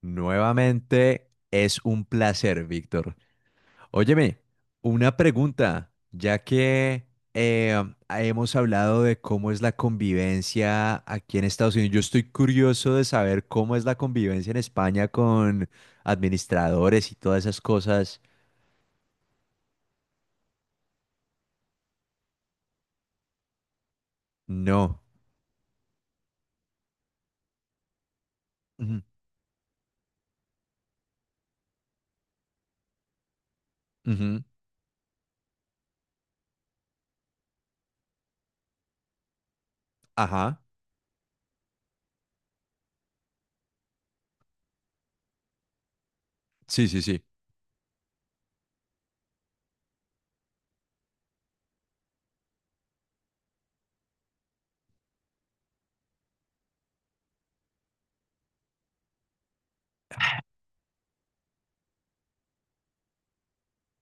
Nuevamente es un placer, Víctor. Óyeme, una pregunta, ya que eh, hemos hablado de cómo es la convivencia aquí en Estados Unidos, yo estoy curioso de saber cómo es la convivencia en España con administradores y todas esas cosas. No. Ujú, ujú. Ajá. Sí, sí, sí.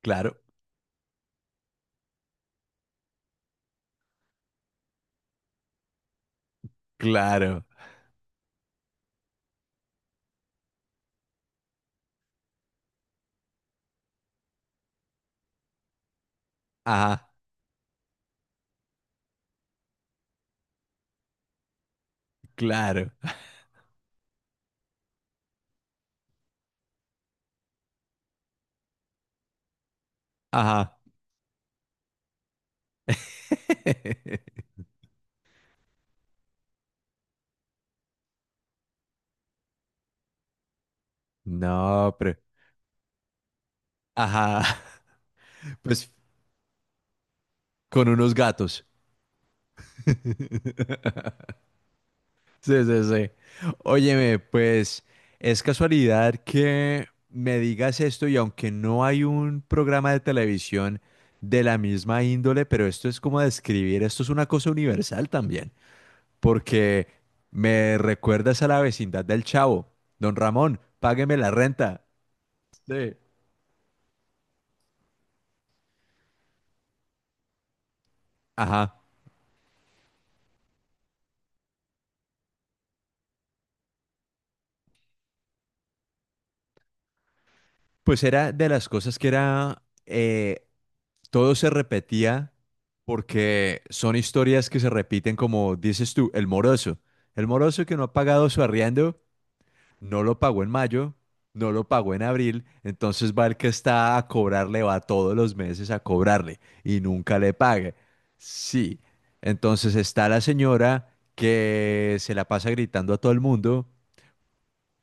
Claro, claro. Ajá, claro. Ajá. No, pero... Ajá. Pues con unos gatos. Sí, sí, sí. Óyeme, pues es casualidad que me digas esto y aunque no hay un programa de televisión de la misma índole, pero esto es como describir, esto es una cosa universal también, porque me recuerdas a la vecindad del Chavo. Don Ramón, págueme la renta. Sí. Ajá. Pues era de las cosas que era todo se repetía porque son historias que se repiten como dices tú, el moroso. El moroso que no ha pagado su arriendo, no lo pagó en mayo, no lo pagó en abril, entonces va el que está a cobrarle, va todos los meses a cobrarle y nunca le paga. Sí, entonces está la señora que se la pasa gritando a todo el mundo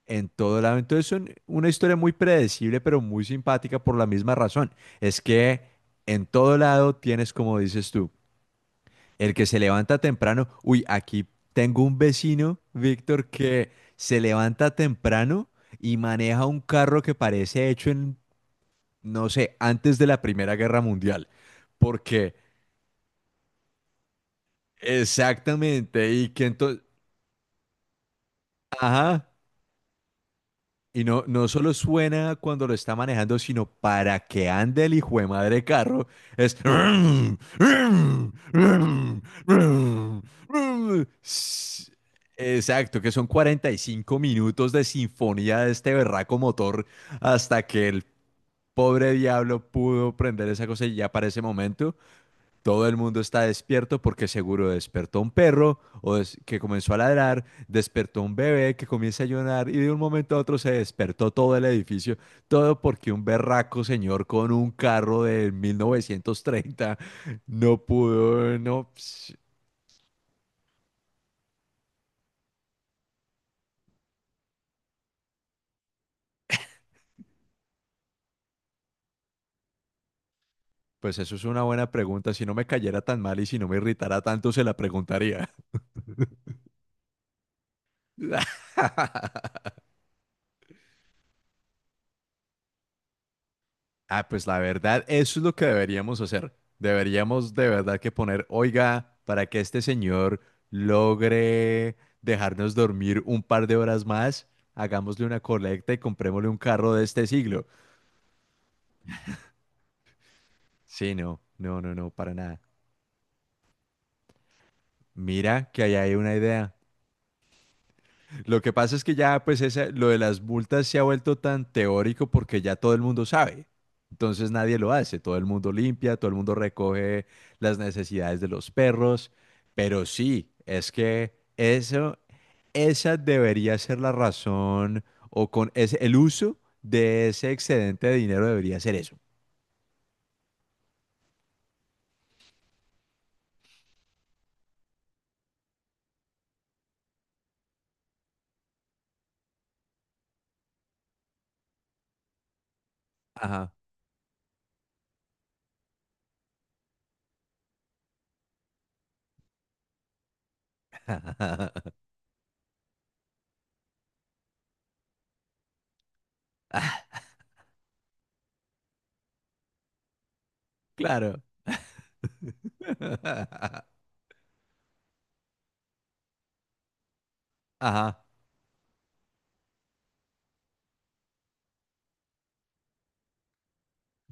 en todo lado. Entonces son una historia muy predecible, pero muy simpática por la misma razón. Es que en todo lado tienes, como dices tú, el que se levanta temprano. Uy, aquí tengo un vecino, Víctor, que se levanta temprano y maneja un carro que parece hecho en, no sé, antes de la Primera Guerra Mundial. Porque, exactamente, y que entonces, ajá. Y no solo suena cuando lo está manejando, sino para que ande el hijo de madre carro, es S- exacto, que son 45 minutos de sinfonía de este berraco motor hasta que el pobre diablo pudo prender esa cosa y ya para ese momento todo el mundo está despierto porque seguro despertó un perro o que comenzó a ladrar, despertó un bebé que comienza a llorar y de un momento a otro se despertó todo el edificio, todo porque un berraco señor con un carro de 1930 no pudo, no, pues eso es una buena pregunta. Si no me cayera tan mal y si no me irritara tanto, se la preguntaría. Ah, pues la verdad, eso es lo que deberíamos hacer. Deberíamos de verdad que poner, oiga, para que este señor logre dejarnos dormir un par de horas más, hagámosle una colecta y comprémosle un carro de este siglo. Sí, no, no, no, no, para nada. Mira que ahí hay una idea. Lo que pasa es que ya, pues, lo de las multas se ha vuelto tan teórico porque ya todo el mundo sabe. Entonces nadie lo hace. Todo el mundo limpia, todo el mundo recoge las necesidades de los perros. Pero sí, es que eso, esa debería ser la razón o con ese, el uso de ese excedente de dinero debería ser eso. Ajá. Claro. Ajá.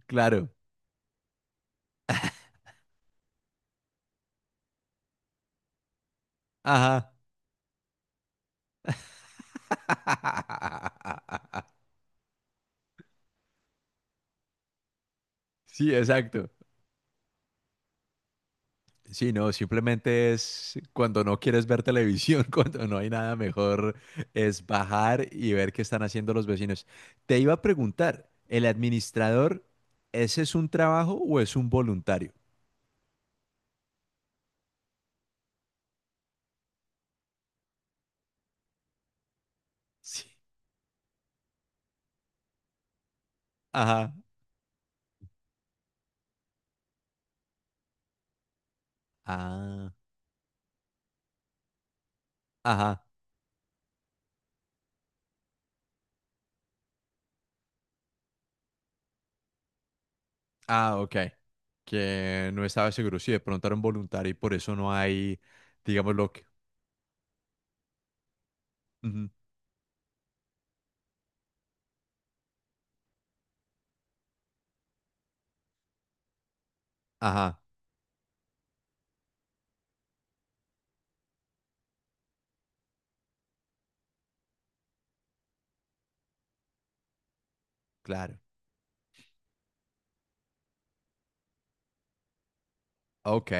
Claro. Ajá. Sí, exacto. Sí, no, simplemente es cuando no quieres ver televisión, cuando no hay nada mejor, es bajar y ver qué están haciendo los vecinos. Te iba a preguntar, ¿el administrador, ese es un trabajo o es un voluntario? Sí. Ajá. Ah, ajá. Ah, ok. Que no estaba seguro si de pronto era un voluntario y por eso no hay, digamos, lo que... Ujú. Ajá, claro. Ok.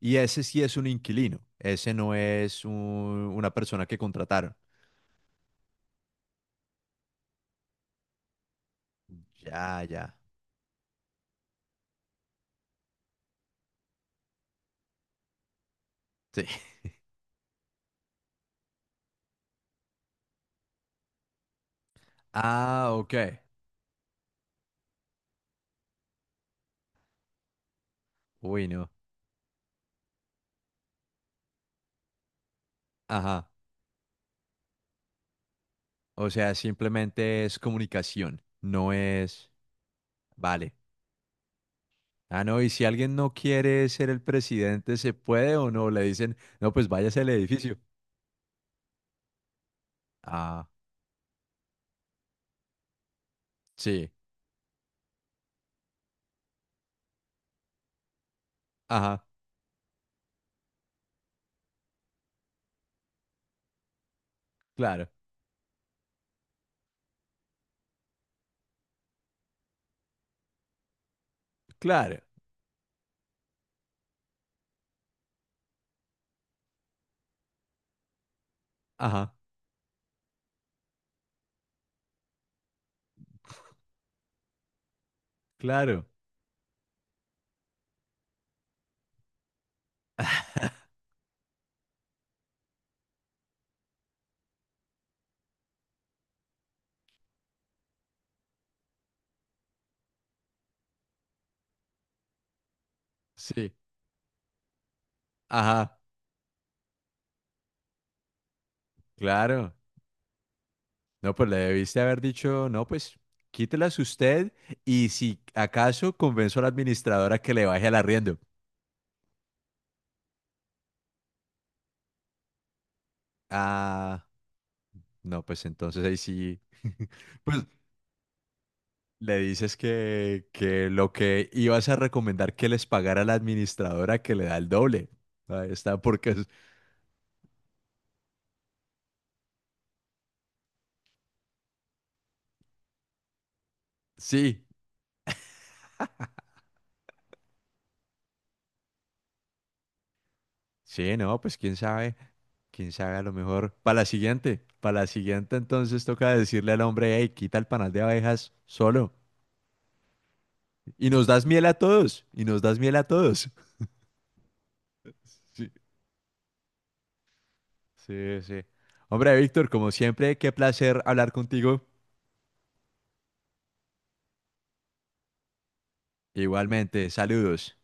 Y ese sí es un inquilino. Ese no es una persona que contrataron. Ya, ya. Sí. Ah, ok. Uy, no. Ajá. O sea, simplemente es comunicación. No es. Vale. Ah, no. Y si alguien no quiere ser el presidente, ¿se puede o no? Le dicen, no, pues váyase al edificio. Ah, sí. Ajá. Claro. Claro. Ajá. Claro. Sí. Ajá. Claro. No, pues le debiste haber dicho, no, pues quítelas usted y si acaso convenzo a la administradora que le baje al arriendo. Ah, no, pues entonces ahí sí, pues le dices que lo que ibas a recomendar que les pagara a la administradora que le da el doble. Ahí está, porque sí, sí, no, pues quién sabe a lo mejor. Para la siguiente entonces toca decirle al hombre, hey, quita el panal de abejas solo. Y nos das miel a todos, y nos das miel a todos. Sí, sí, sí. Hombre, Víctor, como siempre, qué placer hablar contigo. Igualmente, saludos.